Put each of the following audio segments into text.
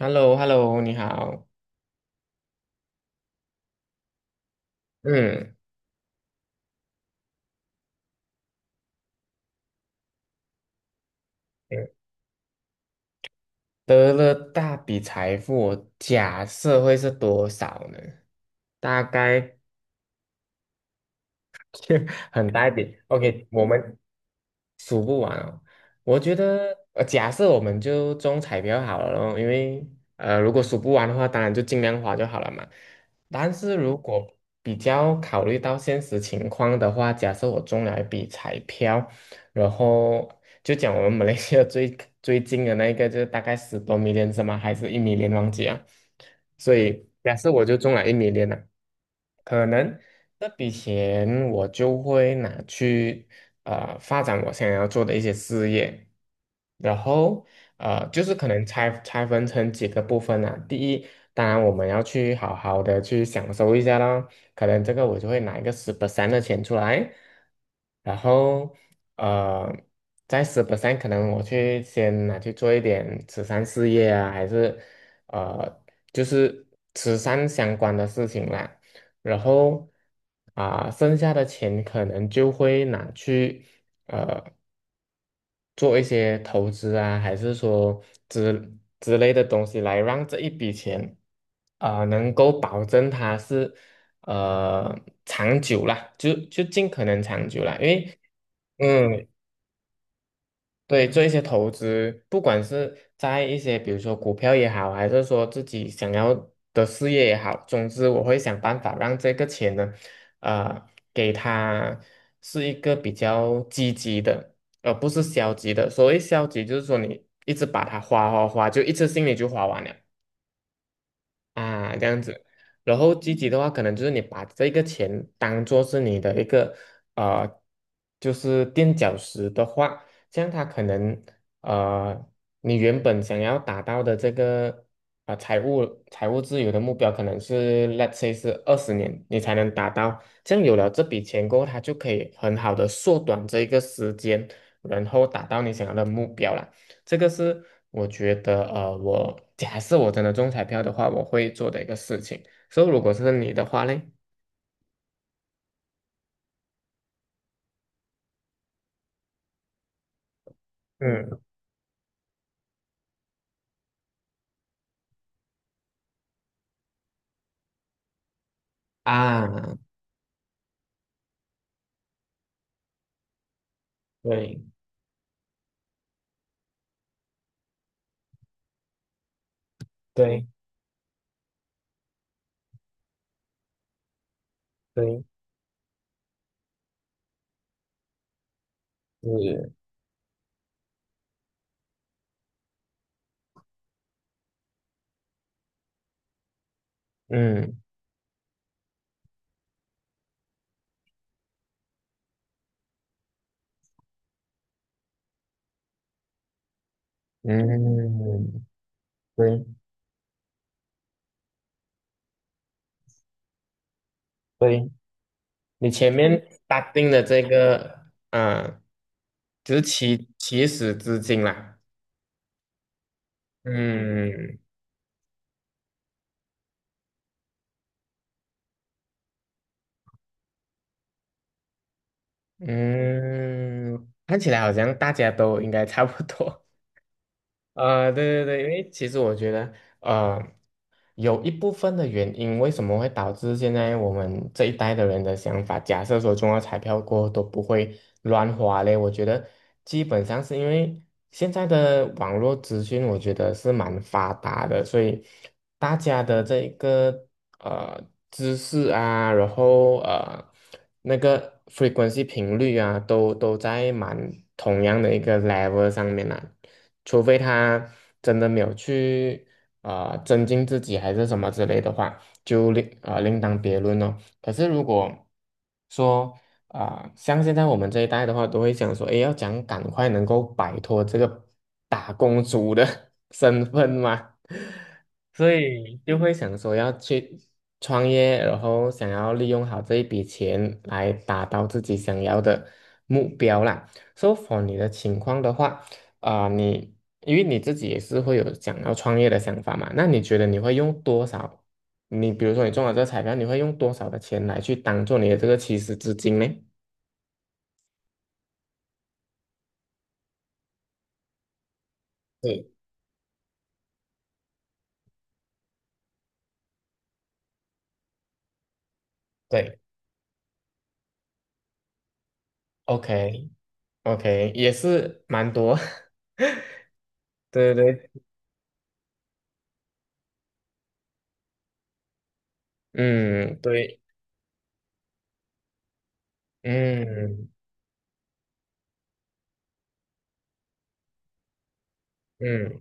h e l l o h e l l o 你好。嗯嗯，得了大笔财富，我假设会是多少呢？大概 很大一笔。OK，我们数不完哦。我觉得，假设我们就中彩票好了咯，因为如果数不完的话，当然就尽量花就好了嘛。但是如果比较考虑到现实情况的话，假设我中了一笔彩票，然后就讲我们 马来西亚最最近的那一个，就是大概十多米 i l l 吗？还是一米 i l l 忘记啊？所以假设我就中了一米 i l 了可能这笔钱我就会拿去发展我想要做的一些事业，然后就是可能拆分成几个部分啊。第一，当然我们要去好好的去享受一下咯，可能这个我就会拿一个十 percent 的钱出来，然后呃在十 percent 可能我去先拿去做一点慈善事业啊，还是呃就是慈善相关的事情啦。然后啊、剩下的钱可能就会拿去做一些投资啊，还是说之类的东西来让这一笔钱啊、能够保证它是呃长久啦，就尽可能长久啦，因为嗯，对，做一些投资，不管是在一些比如说股票也好，还是说自己想要的事业也好，总之我会想办法让这个钱呢，给它是一个比较积极的，而不是消极的。所谓消极，就是说你一直把它花花花，就一次性你就花完了。啊，这样子。然后积极的话，可能就是你把这个钱当做是你的一个呃，就是垫脚石的话，这样它可能呃，你原本想要达到的这个财务自由的目标，可能是 let's say 是20年你才能达到。这样有了这笔钱过后，它就可以很好的缩短这一个时间，然后达到你想要的目标了。这个是我觉得，我假设我真的中彩票的话，我会做的一个事情。所以，如果是你的话嘞，嗯，啊，对对对，是，嗯嗯，对对，你前面打定的这个，啊，就是起始资金啦，嗯嗯，看起来好像大家都应该差不多。啊，对对对，因为其实我觉得，呃，有一部分的原因，为什么会导致现在我们这一代的人的想法，假设说中了彩票过后都不会乱花嘞，我觉得基本上是因为现在的网络资讯，我觉得是蛮发达的，所以大家的这一个呃知识啊，然后那个 frequency 频率啊，都在蛮同样的一个 level 上面啊。除非他真的没有去增进自己还是什么之类的话，就另当别论咯。可是如果说像现在我们这一代的话，都会想说，哎，要讲赶快能够摆脱这个打工族的 身份嘛，所以就会想说要去创业，然后想要利用好这一笔钱来达到自己想要的目标啦。So for 你的情况的话，啊、你因为你自己也是会有想要创业的想法嘛，那你觉得你会用多少？你比如说你中了这个彩票，你会用多少的钱来去当做你的这个起始资金呢？对，对，OK OK，也是蛮多，对对对，嗯，对，嗯嗯。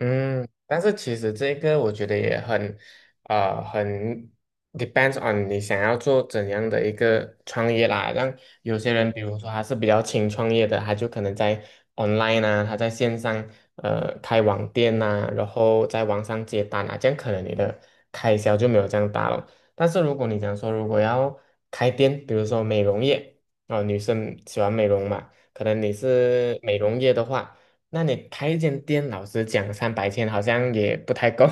嗯，但是其实这个我觉得也很，很 depends on 你想要做怎样的一个创业啦。让有些人，比如说他是比较轻创业的，他就可能在 online 啊，他在线上开网店呐、然后在网上接单啊，这样可能你的开销就没有这样大了。但是如果你讲说如果要开店，比如说美容业，啊、女生喜欢美容嘛，可能你是美容业的话。那你开一间店，老实讲，300天好像也不太够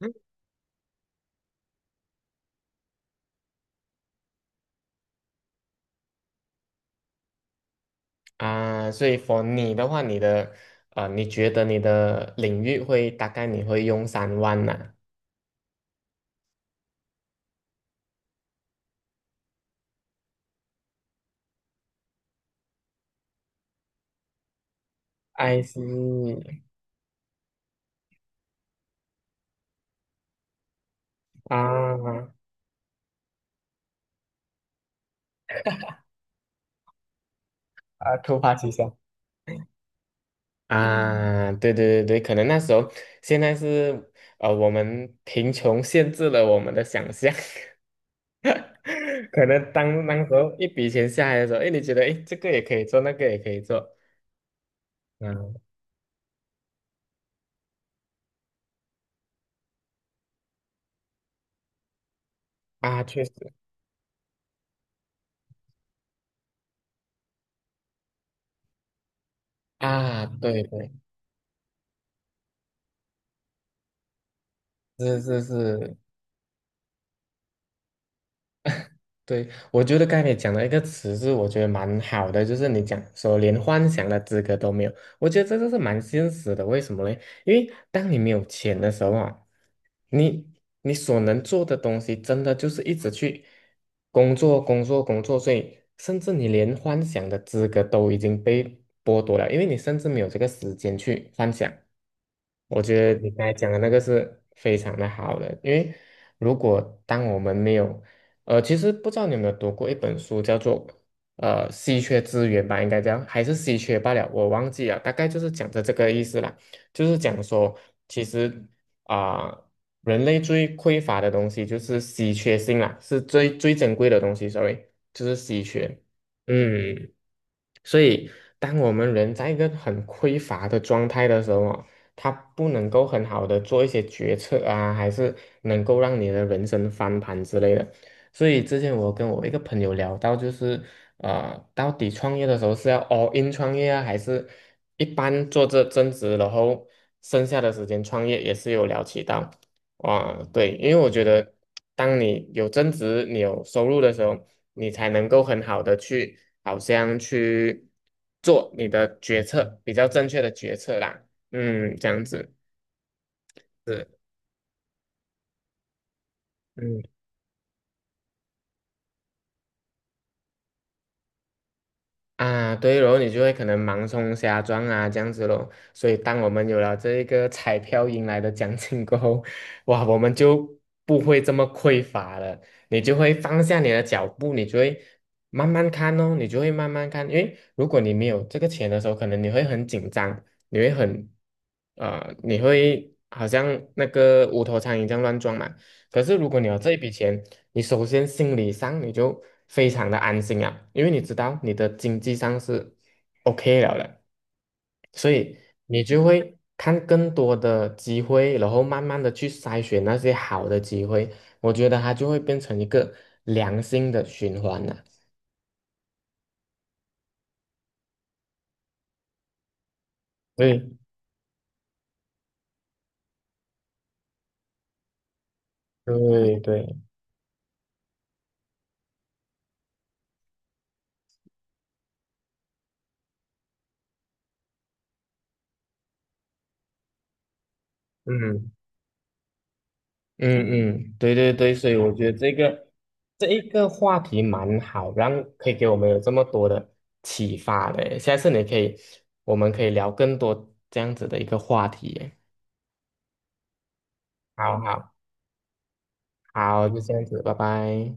啊。所以，for 你的话，你的你觉得你的领域会大概你会用3万呢 I see 啊啊，突发奇想。啊，对对对对，可能那时候现在是我们贫穷限制了我们的想象，可能当时候一笔钱下来的时候，哎，你觉得哎，诶这个也可以做，那个也可以做，嗯啊，确实啊，对是是是，对，我觉得刚才你讲的一个词是我觉得蛮好的，就是你讲说连幻想的资格都没有，我觉得这个是蛮现实的。为什么呢？因为当你没有钱的时候啊，你你所能做的东西真的就是一直去工作、工作、工作，所以甚至你连幻想的资格都已经被剥夺了，因为你甚至没有这个时间去幻想。我觉得你刚才讲的那个是非常的好的，因为如果当我们没有，其实不知道你有没有读过一本书，叫做稀缺资源吧，应该这样，还是稀缺罢了，我忘记了，大概就是讲的这个意思啦，就是讲说，其实啊、人类最匮乏的东西就是稀缺性啦，是最最珍贵的东西，sorry，就是稀缺，嗯。所以，当我们人在一个很匮乏的状态的时候哦，他不能够很好的做一些决策啊，还是能够让你的人生翻盘之类的。所以之前我跟我一个朋友聊到，就是到底创业的时候是要 all in 创业啊，还是一般做这增值，然后剩下的时间创业，也是有聊起到。哇，对，因为我觉得，当你有增值、你有收入的时候，你才能够很好的去，好像去做你的决策，比较正确的决策啦。嗯，这样子。是。嗯。啊，对然后你就会可能盲冲瞎撞啊，这样子咯。所以，当我们有了这一个彩票赢来的奖金过后，哇，我们就不会这么匮乏了。你就会放下你的脚步，你就会慢慢看哦，你就会慢慢看。因为如果你没有这个钱的时候，可能你会很紧张，你会很，你会好像那个无头苍蝇这样乱撞嘛。可是如果你有这一笔钱，你首先心理上你就非常的安心啊，因为你知道你的经济上是 OK 了的，所以你就会看更多的机会，然后慢慢的去筛选那些好的机会，我觉得它就会变成一个良性的循环了。对对对，嗯。嗯嗯，对对对，所以我觉得这个这一个话题蛮好，让可以给我们有这么多的启发的耶下次你可以，我们可以聊更多这样子的一个话题耶好好好，就这样子，拜拜。